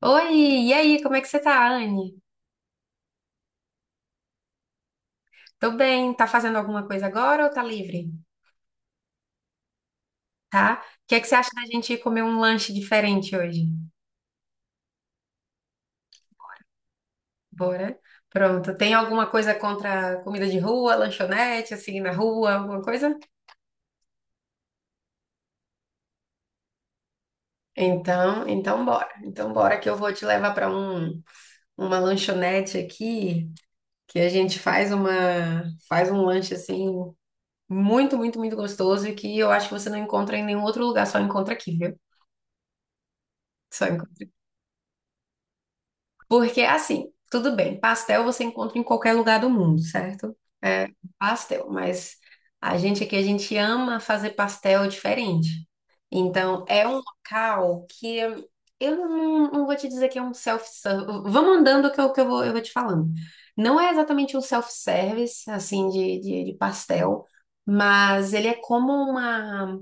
Oi, e aí, como é que você tá, Anne? Tô bem, tá fazendo alguma coisa agora ou tá livre? Tá? O que é que você acha da gente ir comer um lanche diferente hoje? Bora? Pronto, tem alguma coisa contra comida de rua, lanchonete, assim, na rua, alguma coisa? Então bora. Então bora que eu vou te levar para uma lanchonete aqui, que a gente faz faz um lanche assim muito, muito, muito gostoso e que eu acho que você não encontra em nenhum outro lugar, só encontra aqui, viu? Só encontra. Porque, assim, tudo bem, pastel você encontra em qualquer lugar do mundo, certo? É pastel, mas a gente aqui, a gente ama fazer pastel diferente. Então, é um local que eu não vou te dizer que é um self-service. Vamos andando eu vou te falando. Não é exatamente um self-service, assim, de pastel, mas ele é como uma.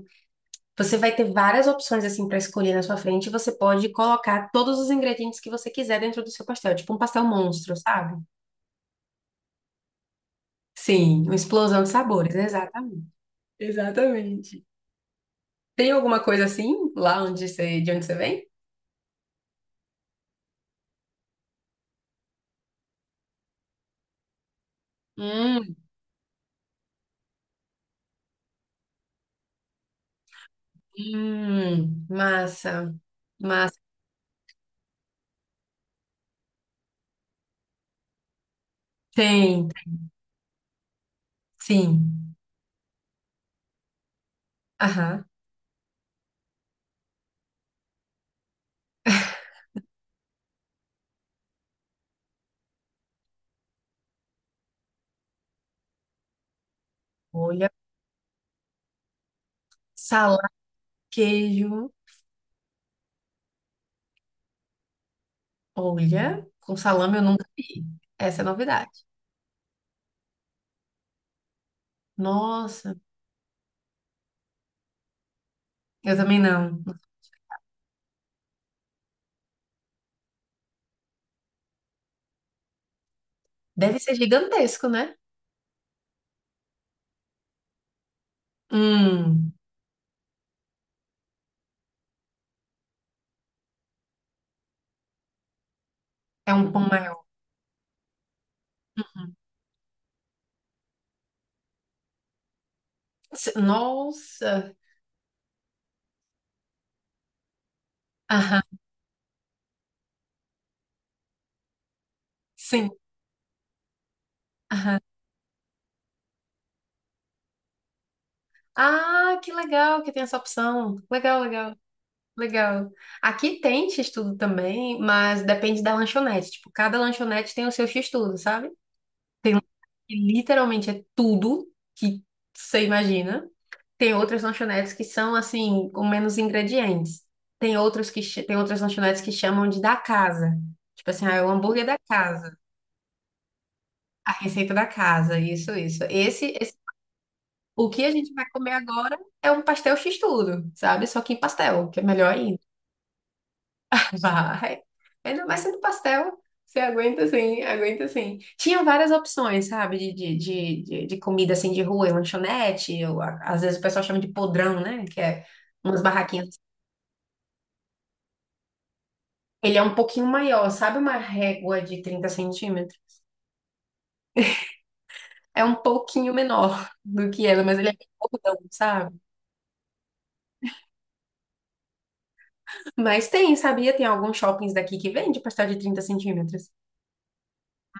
Você vai ter várias opções assim para escolher na sua frente. E você pode colocar todos os ingredientes que você quiser dentro do seu pastel, tipo um pastel monstro, sabe? Sim, uma explosão de sabores, exatamente. Exatamente. Tem alguma coisa assim lá onde você, de onde você vem? Hum, massa, massa. Tem, sim. Aham. Olha, salame, queijo. Olha, com salame eu nunca vi. Essa é novidade. Nossa, eu também não. Deve ser gigantesco, né? Hum, É um pão maior. Uhum. Nossa! Aham, sim. Aham. Ah, que legal que tem essa opção. Legal, legal, legal. Aqui tem X-Tudo também, mas depende da lanchonete. Tipo, cada lanchonete tem o seu X-Tudo, sabe? Tem lanchonete que literalmente é tudo que você imagina. Tem outras lanchonetes que são, assim, com menos ingredientes. Tem outras lanchonetes que chamam de da casa. Tipo assim, ah, é o hambúrguer da casa. A receita da casa, isso, isso. O que a gente vai comer agora é um pastel x-tudo, sabe? Só que em pastel, que é melhor ainda. Vai. Ainda mais sendo pastel, você aguenta assim, aguenta assim. Tinha várias opções, sabe? De comida assim de rua, em lanchonete, ou, às vezes o pessoal chama de podrão, né? Que é umas barraquinhas. Ele é um pouquinho maior, sabe? Uma régua de 30 cm. É um pouquinho menor do que ela, mas ele é bem gordão, sabe? Mas tem, sabia? Tem alguns shoppings daqui que vende pastel de 30 cm.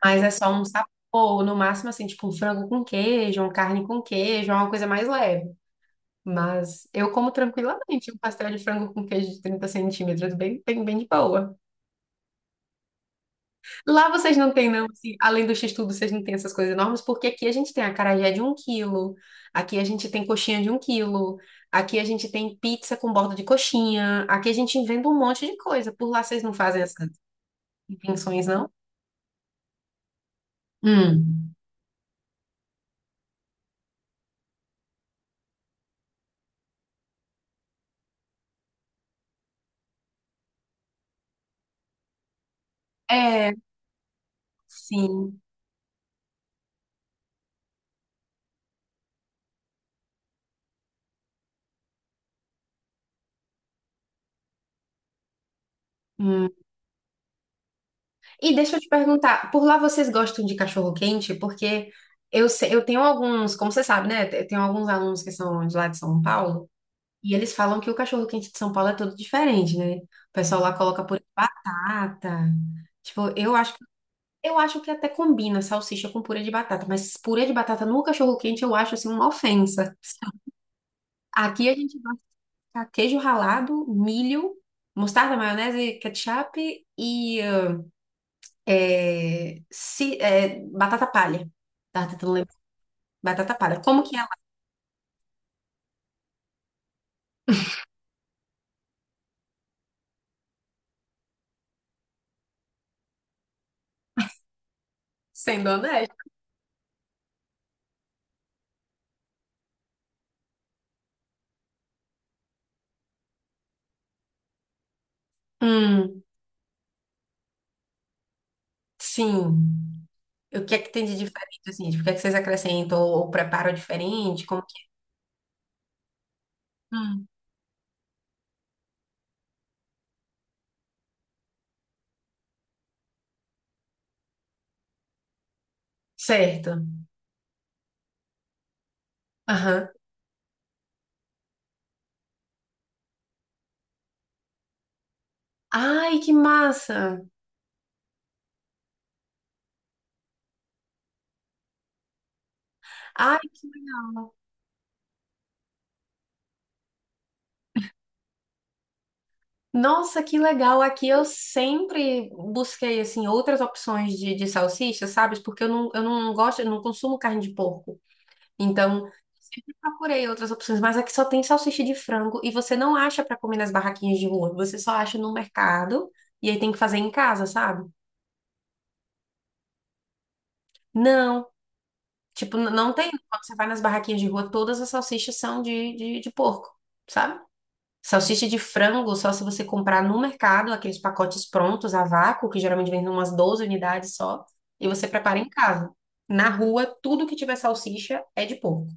Mas é só um sabor, no máximo assim, tipo um frango com queijo, uma carne com queijo, é uma coisa mais leve. Mas eu como tranquilamente um pastel de frango com queijo de 30 cm, bem, bem, bem de boa. Lá vocês não têm, não, assim, além do x-tudo, vocês não têm essas coisas enormes, porque aqui a gente tem acarajé de 1 kg, aqui a gente tem coxinha de 1 kg, aqui a gente tem pizza com borda de coxinha, aqui a gente inventa um monte de coisa. Por lá vocês não fazem essas invenções, não? Hum. É, sim. Hum. E deixa eu te perguntar, por lá vocês gostam de cachorro-quente? Porque eu tenho alguns, como você sabe, né? Eu tenho alguns alunos que são de lá de São Paulo, e eles falam que o cachorro-quente de São Paulo é todo diferente, né? O pessoal lá coloca purê de batata. Tipo, eu acho que até combina salsicha com purê de batata, mas purê de batata no cachorro-quente eu acho assim uma ofensa. Aqui a gente tá, queijo ralado, milho, mostarda, maionese, ketchup e batata palha. Tava tentando lembrar. Batata palha. Como que é lá? Sendo honesto. Hum, sim. O que é que tem de diferente, assim? Tipo, o que é que vocês acrescentam ou preparam diferente? Como que... Hum, certo. Aham. Ai, que massa! Ai, que legal. Nossa, que legal! Aqui eu sempre busquei assim outras opções de salsicha, sabe? Porque eu não gosto, eu não consumo carne de porco. Então, sempre procurei outras opções, mas aqui só tem salsicha de frango e você não acha para comer nas barraquinhas de rua, você só acha no mercado e aí tem que fazer em casa, sabe? Não, tipo, não tem. Quando você vai nas barraquinhas de rua, todas as salsichas são de porco, sabe? Salsicha de frango, só se você comprar no mercado, aqueles pacotes prontos a vácuo, que geralmente vem umas 12 unidades só, e você prepara em casa. Na rua, tudo que tiver salsicha é de porco.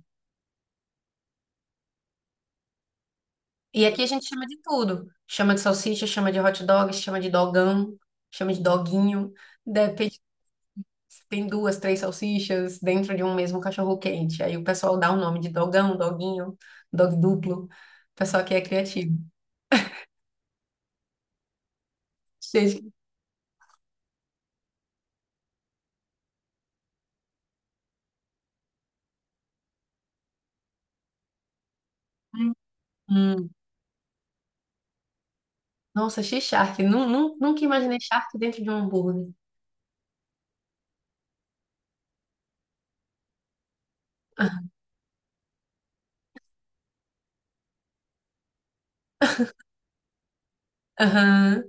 E aqui a gente chama de tudo. Chama de salsicha, chama de hot dog, chama de dogão, chama de doguinho. Depende se tem duas, três salsichas dentro de um mesmo cachorro quente. Aí o pessoal dá o nome de dogão, doguinho, dog duplo. O pessoal aqui é criativo. Gente, hum. Hum. Nossa, achei charque. Nunca imaginei charque dentro de um hambúrguer. Aham.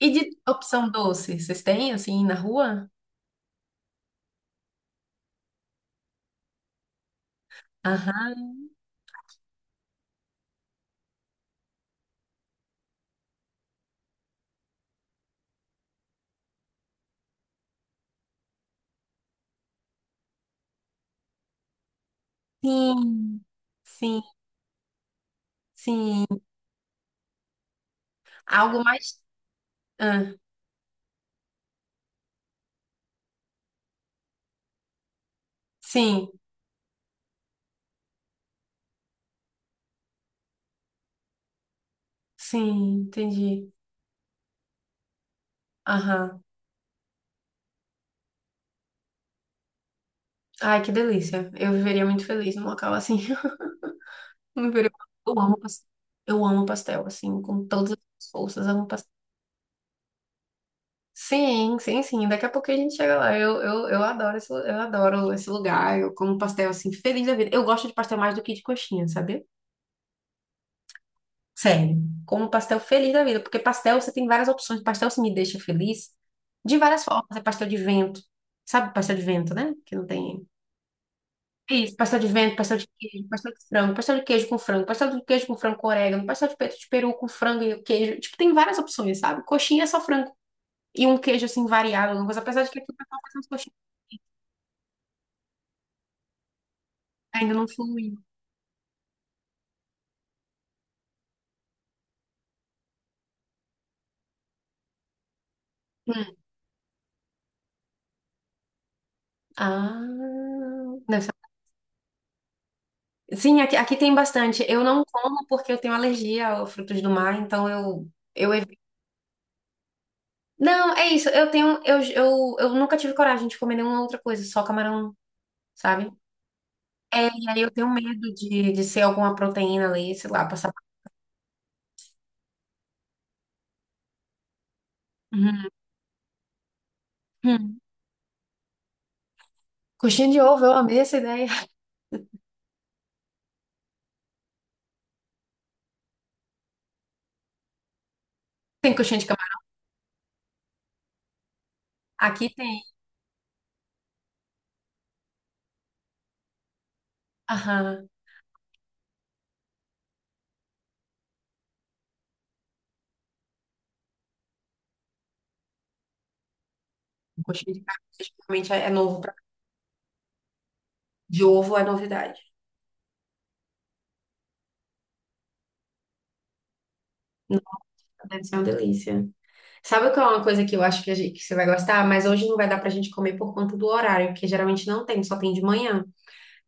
E de opção doce, vocês têm assim na rua? Aham. Sim, sim, sim. Algo mais. Ah, sim, sim, entendi. Aham. Ai, que delícia. Eu viveria muito feliz num local assim. Eu viveria- eu amo pastel. Eu amo pastel, assim, com todas as forças. Eu amo pastel. Sim, sim, sim. Daqui a pouco a gente chega lá. Eu adoro esse lugar. Eu como pastel assim, feliz da vida. Eu gosto de pastel mais do que de coxinha, sabe? Sério. Como pastel feliz da vida, porque pastel você tem várias opções. Pastel se me deixa feliz de várias formas. É pastel de vento. Sabe pastel de vento, né? Que não tem. Isso, pastel de vento, pastel de queijo, pastel de frango, pastel de queijo com frango, pastel de queijo com frango com orégano, pastel de peito de peru com frango e queijo. Tipo, tem várias opções, sabe? Coxinha é só frango e um queijo assim variado, alguma coisa. Apesar de que aqui o pessoal faz umas coxinhas. Ainda não fui. Hum. Ah, deve ser- Sim, aqui tem bastante. Eu não como porque eu tenho alergia a frutos do mar, então eu evito. Não, é isso. Eu tenho, eu nunca tive coragem de comer nenhuma outra coisa, só camarão, sabe? É, e aí eu tenho medo de ser alguma proteína ali, sei lá, passar. Uhum. Hum. Coxinha de ovo, eu amei essa ideia. Tem coxinha de camarão? Aqui tem. Aham. Coxinha de camarão, geralmente é novo pra... De ovo é novidade. Nossa, deve ser uma delícia. Sabe o que é uma coisa que eu acho que, que você vai gostar? Mas hoje não vai dar pra gente comer por conta do horário, porque geralmente não tem, só tem de manhã.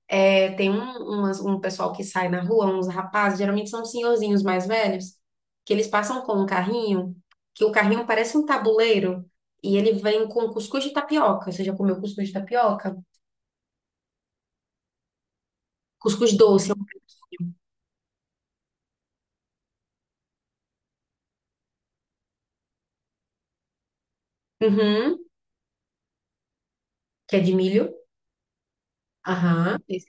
É, tem um pessoal que sai na rua, uns rapazes, geralmente são senhorzinhos mais velhos, que eles passam com um carrinho, que o carrinho parece um tabuleiro, e ele vem com cuscuz de tapioca. Você já comeu cuscuz de tapioca? Cuscuz doce, uhum, que é de milho. Aham. Esse.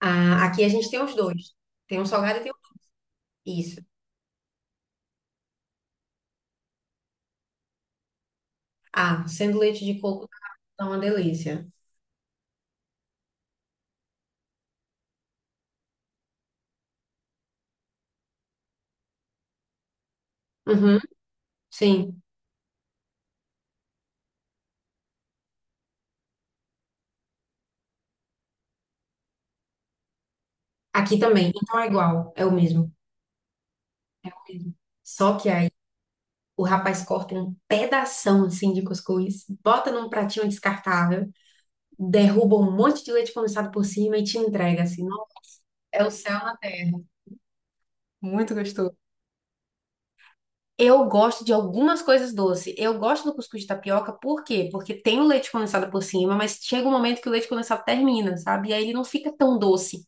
Ah, aqui a gente tem os dois. Tem um salgado e tem um... Isso. Ah, sendo leite de coco tá uma delícia. Uhum, sim. Aqui também. Então é igual, é o mesmo. Só que aí o rapaz corta um pedação assim de cuscuz, bota num pratinho descartável, derruba um monte de leite condensado por cima e te entrega assim. Não, é o céu na terra. Muito gostoso. Eu gosto de algumas coisas doces. Eu gosto do cuscuz de tapioca, por quê? Porque tem o leite condensado por cima, mas chega um momento que o leite condensado termina, sabe? E aí ele não fica tão doce.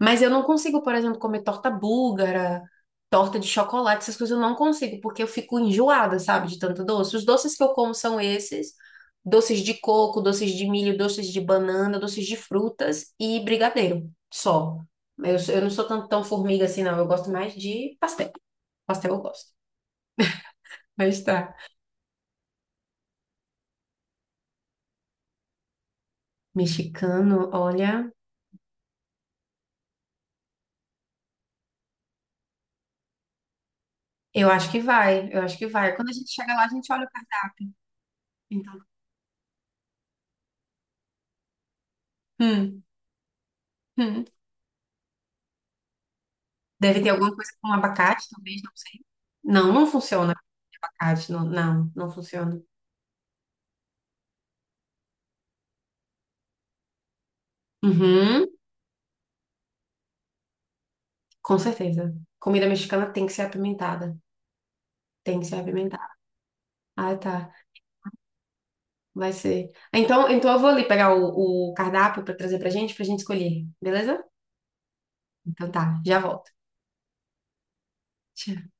Mas eu não consigo, por exemplo, comer torta búlgara, torta de chocolate, essas coisas eu não consigo, porque eu fico enjoada, sabe, de tanto doce. Os doces que eu como são esses: doces de coco, doces de milho, doces de banana, doces de frutas e brigadeiro, só. Eu não sou tão, tão formiga assim, não. Eu gosto mais de pastel. Pastel eu gosto. Mas tá. Mexicano, olha, eu acho que vai, eu acho que vai. Quando a gente chega lá, a gente olha o cardápio. Então, hum, hum. Deve ter alguma coisa com abacate, talvez, não sei. Não, não funciona. Abacate, não, não, não funciona. Uhum, com certeza. Comida mexicana tem que ser apimentada. Tem que ser apimentada. Ah, tá. Vai ser. Então eu vou ali pegar o cardápio para trazer pra gente escolher, beleza? Então tá, já volto. Tchau.